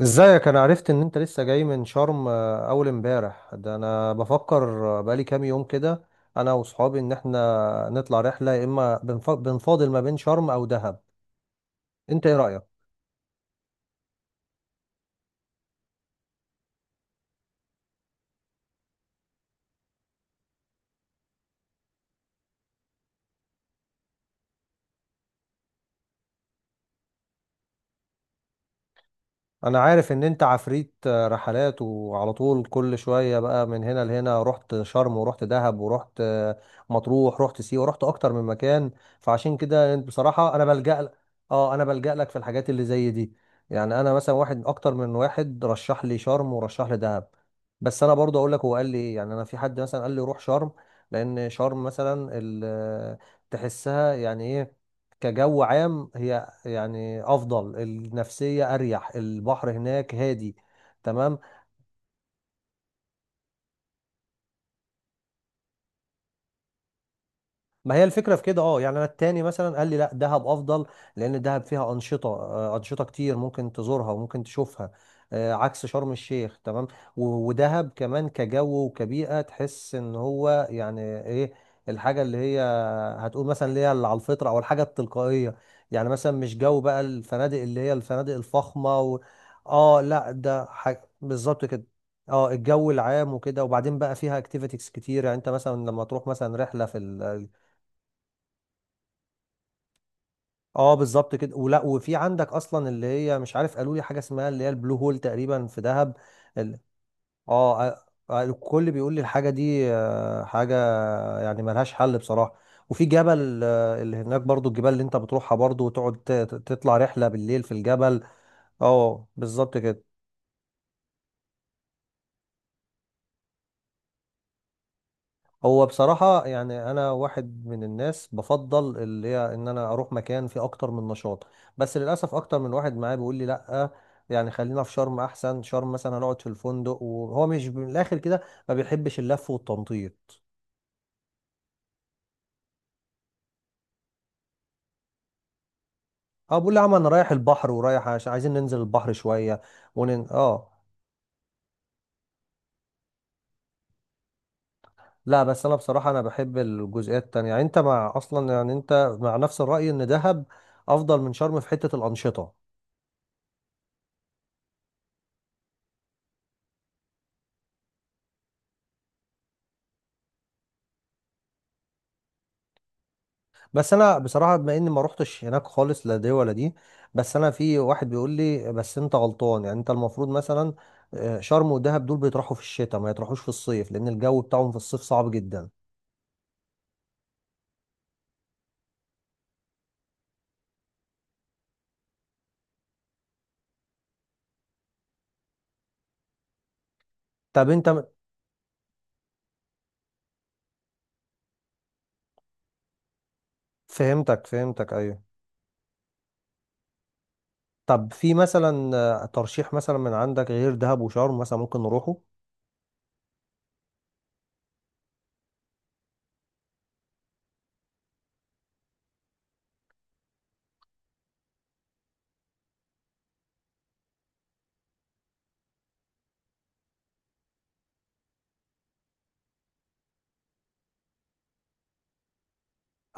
ازيك؟ انا عرفت ان انت لسه جاي من شرم، اول امبارح ده. انا بفكر، بقالي كام يوم كده انا واصحابي ان احنا نطلع رحله، يا اما بنفاضل ما بين شرم او دهب. انت ايه رايك؟ انا عارف ان انت عفريت رحلات وعلى طول كل شوية، بقى من هنا لهنا. رحت شرم ورحت دهب ورحت مطروح، رحت سيوة، رحت اكتر من مكان. فعشان كده بصراحة انا بلجأ لك. اه، انا بلجأ لك في الحاجات اللي زي دي. يعني انا مثلا واحد اكتر من واحد رشح لي شرم ورشح لي دهب. بس انا برضه اقول لك هو قال لي ايه. يعني انا في حد مثلا قال لي روح شرم، لان شرم مثلا تحسها يعني ايه كجو عام هي؟ يعني افضل النفسيه، اريح، البحر هناك هادي، تمام. ما هي الفكرة في كده. اه، يعني انا التاني مثلا قال لي لا دهب افضل، لان دهب فيها انشطة، انشطة كتير ممكن تزورها وممكن تشوفها، عكس شرم الشيخ، تمام. ودهب كمان كجو وكبيئة تحس ان هو يعني ايه الحاجة اللي هي هتقول مثلا، اللي هي اللي على الفطرة او الحاجة التلقائية. يعني مثلا مش جو بقى الفنادق اللي هي الفنادق الفخمة و... اه، لا ده حاجة بالظبط كده. اه الجو العام وكده، وبعدين بقى فيها اكتيفيتيز كتير. يعني انت مثلا لما تروح مثلا رحله في، اه بالظبط كده. ولا وفي عندك اصلا اللي هي، مش عارف، قالوا لي حاجه اسمها اللي هي البلو هول تقريبا في دهب. ال- اه، الكل بيقول لي الحاجه دي، حاجه يعني ملهاش حل بصراحه. وفي جبل، اللي هناك برضو الجبال اللي انت بتروحها برضو، وتقعد تطلع رحله بالليل في الجبل. اه بالظبط كده. هو بصراحة يعني أنا واحد من الناس بفضل اللي هي إن أنا أروح مكان فيه أكتر من نشاط. بس للأسف أكتر من واحد معايا بيقول لي لأ، يعني خلينا في شرم أحسن. شرم مثلا هنقعد في الفندق، وهو مش من الآخر كده، ما بيحبش اللف والتنطيط. أه بقول له يا عم أنا رايح البحر، ورايح عايزين ننزل البحر شوية. أه، لا بس أنا بصراحة أنا بحب الجزئيات التانية. يعني أنت مع أصلا، يعني أنت مع نفس الرأي إن دهب أفضل من شرم في حتة الأنشطة. بس انا بصراحه بما اني ما روحتش هناك خالص، لا دي ولا دي. بس انا في واحد بيقول لي بس انت غلطان، يعني انت المفروض مثلا، شرم ودهب دول بيطرحوا في الشتاء، ما يطرحوش في الصيف، لان الجو بتاعهم في الصيف صعب جدا. طب انت فهمتك، فهمتك، ايوه. طب في مثلا، ترشيح مثلا من عندك غير دهب وشرم مثلا ممكن نروحه؟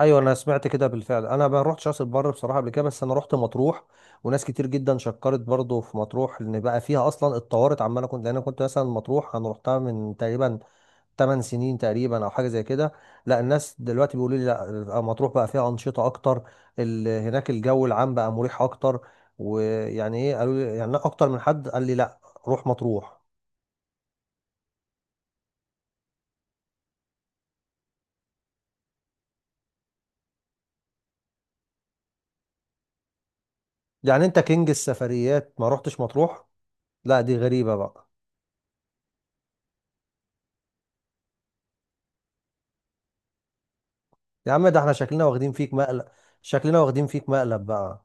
ايوه انا سمعت كده بالفعل. انا ما روحتش راس البر بصراحه قبل كده، بس انا رحت مطروح. وناس كتير جدا شكرت برضو في مطروح، لان بقى فيها اصلا اتطورت عماله كنت، لان انا كنت مثلا مطروح، انا رحتها من تقريبا 8 سنين تقريبا او حاجه زي كده. لا الناس دلوقتي بيقولوا لي لا مطروح بقى فيها انشطه اكتر، هناك الجو العام بقى مريح اكتر. ويعني ايه، قالوا لي يعني اكتر من حد قال لي لا، روح مطروح. يعني انت كينج السفريات ما رحتش مطروح؟ لا دي غريبه بقى. يا عم ده احنا شكلنا واخدين فيك مقلب، شكلنا واخدين فيك مقلب بقى.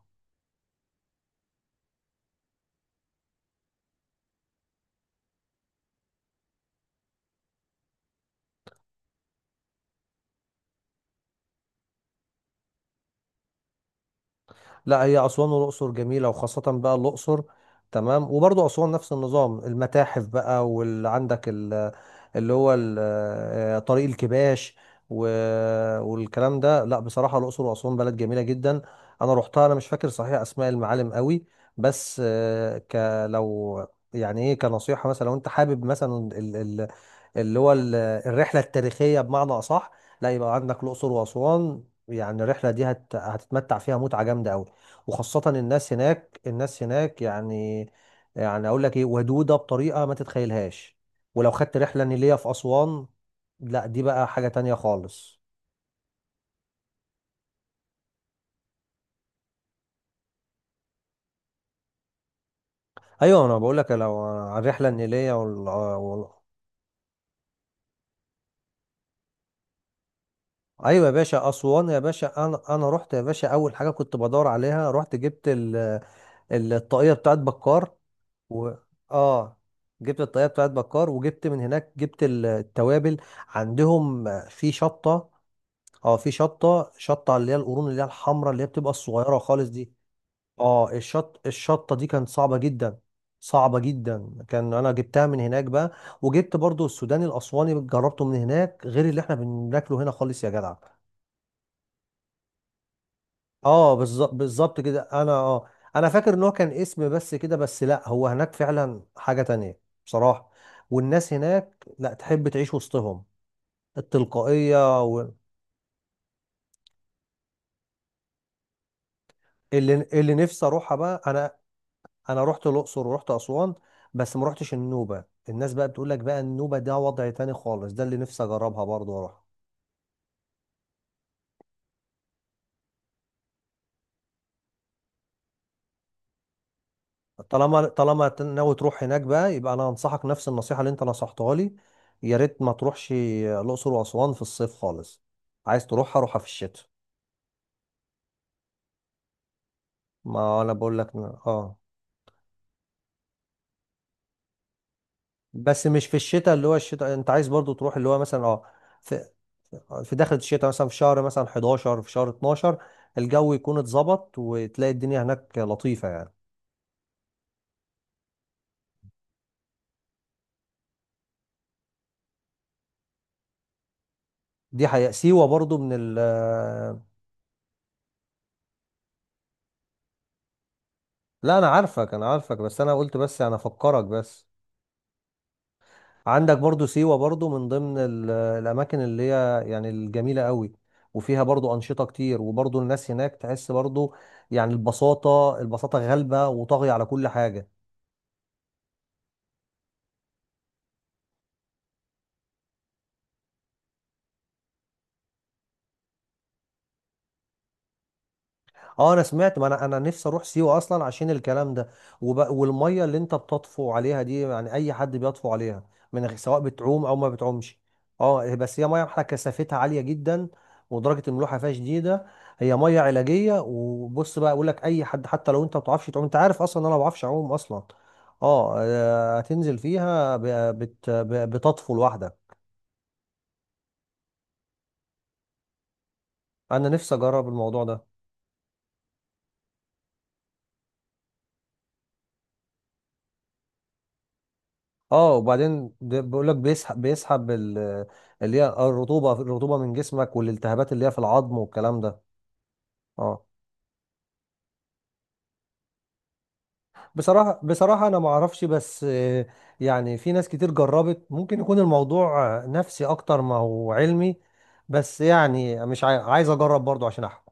لا هي أسوان والأقصر جميلة، وخاصة بقى الأقصر، تمام. وبرضه أسوان نفس النظام، المتاحف بقى، واللي عندك اللي هو طريق الكباش والكلام ده. لا بصراحة الأقصر وأسوان بلد جميلة جدا. أنا روحتها أنا مش فاكر صحيح أسماء المعالم قوي، بس آه، ك لو، يعني ايه، كنصيحة مثلا لو انت حابب مثلا اللي هو الرحلة التاريخية بمعنى أصح، لا يبقى عندك الأقصر وأسوان. يعني الرحلة دي هتتمتع فيها متعة جامدة أوي. وخاصة الناس هناك، الناس هناك يعني، يعني أقول لك إيه، ودودة بطريقة ما تتخيلهاش. ولو خدت رحلة نيلية في أسوان، لا دي بقى حاجة تانية خالص. أيوة أنا بقول لك لو على الرحلة النيلية وال... وال... أيوة يا باشا، أسوان يا باشا، أنا أنا رحت يا باشا، أول حاجة كنت بدور عليها رحت جبت ال... الطاقية بتاعت بكار. و... اه، جبت الطريقه بتاعت بكار، وجبت من هناك، جبت التوابل عندهم في شطه. اه في شطه، اللي هي القرون، اللي هي الحمراء، اللي هي بتبقى الصغيره خالص دي. اه الشطه دي كانت صعبه جدا، صعبه جدا كان. انا جبتها من هناك بقى. وجبت برضو السوداني الاسواني، جربته من هناك، غير اللي احنا بناكله هنا خالص يا جدع. اه بالظبط بالظبط كده. انا اه، انا فاكر ان هو كان اسم بس كده، بس لا هو هناك فعلا حاجة تانية، بصراحة. والناس هناك لا تحب تعيش وسطهم، التلقائية و... اللي اللي نفسي اروحها بقى انا، انا رحت الاقصر ورحت اسوان. بس ما رحتش النوبة. الناس بقى بتقول لك بقى النوبة ده وضع تاني خالص، ده اللي نفسي اجربها برضه واروح. طالما طالما ناوي تروح هناك بقى، يبقى انا انصحك نفس النصيحه اللي انت نصحتها لي. يا ريت ما تروحش الاقصر واسوان في الصيف خالص. عايز تروحها، روحها في الشتاء. ما انا بقول لك اه، بس مش في الشتاء اللي هو الشتاء، انت عايز برضو تروح اللي هو مثلا اه، في في داخل الشتاء مثلا في شهر مثلا 11 في شهر 12. الجو يكون اتظبط، وتلاقي الدنيا هناك لطيفه يعني. دي حقيقة. سيوة برضو من ال، لا انا عارفك انا عارفك، بس انا قلت بس انا افكرك بس. عندك برضو سيوة، برضو من ضمن الأماكن اللي هي يعني الجميلة قوي، وفيها برضو أنشطة كتير، وبرضو الناس هناك تحس برضو، يعني البساطة، البساطة غالبة وطاغية على كل حاجة. اه انا سمعت. ما انا انا نفسي اروح سيوه اصلا عشان الكلام ده. والميه اللي انت بتطفو عليها دي، يعني اي حد بيطفو عليها من غير، سواء بتعوم او ما بتعومش؟ اه بس هي ميه بحر كثافتها عاليه جدا، ودرجه الملوحه فيها شديده. هي ميه علاجيه. وبص بقى اقول لك، اي حد حتى لو انت ما بتعرفش تعوم، انت عارف اصلا إن انا ما بعرفش اعوم اصلا. اه، هتنزل فيها بتطفو لوحدك. انا نفسي اجرب الموضوع ده. اه وبعدين ده بيقول لك بيسحب، بيسحب اللي هي الرطوبه، الرطوبه من جسمك والالتهابات اللي هي في العظم والكلام ده. اه بصراحه بصراحه انا ما اعرفش، بس آه، يعني في ناس كتير جربت، ممكن يكون الموضوع نفسي اكتر ما هو علمي. بس يعني مش عايز اجرب برضو عشان احكم.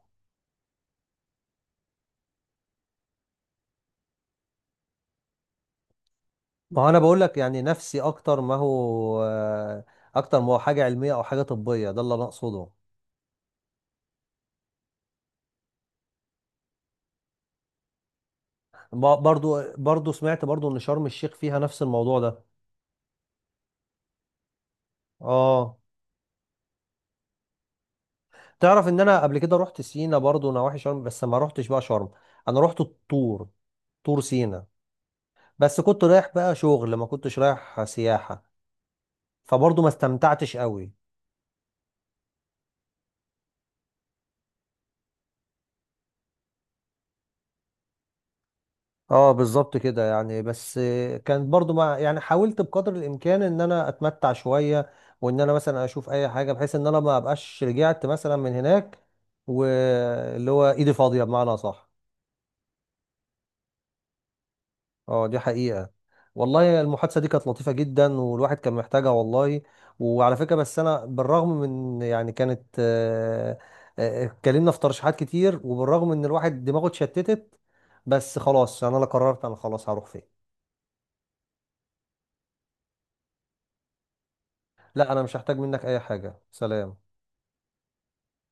ما هو انا بقول لك يعني نفسي اكتر ما هو، اكتر ما هو حاجه علميه او حاجه طبيه، ده اللي انا اقصده. برضو برضو سمعت برضو ان شرم الشيخ فيها نفس الموضوع ده. اه تعرف ان انا قبل كده رحت سينا برضو نواحي شرم، بس ما رحتش بقى شرم. انا رحت الطور، طور سينا. بس كنت رايح بقى شغل ما كنتش رايح سياحة، فبرضو ما استمتعتش قوي. اه بالظبط كده. يعني بس آه، كان برضو مع، يعني حاولت بقدر الامكان ان انا اتمتع شوية، وان انا مثلا اشوف اي حاجة، بحيث ان انا ما ابقاش رجعت مثلا من هناك واللي هو ايدي فاضية بمعنى صح. اه دي حقيقة. والله المحادثة دي كانت لطيفة جدا، والواحد كان محتاجها والله. وعلى فكرة، بس أنا بالرغم من، يعني كانت اتكلمنا في ترشيحات كتير، وبالرغم إن الواحد دماغه اتشتتت، بس خلاص أنا، لا قررت أنا خلاص هروح فين. لا أنا مش هحتاج منك أي حاجة، سلام.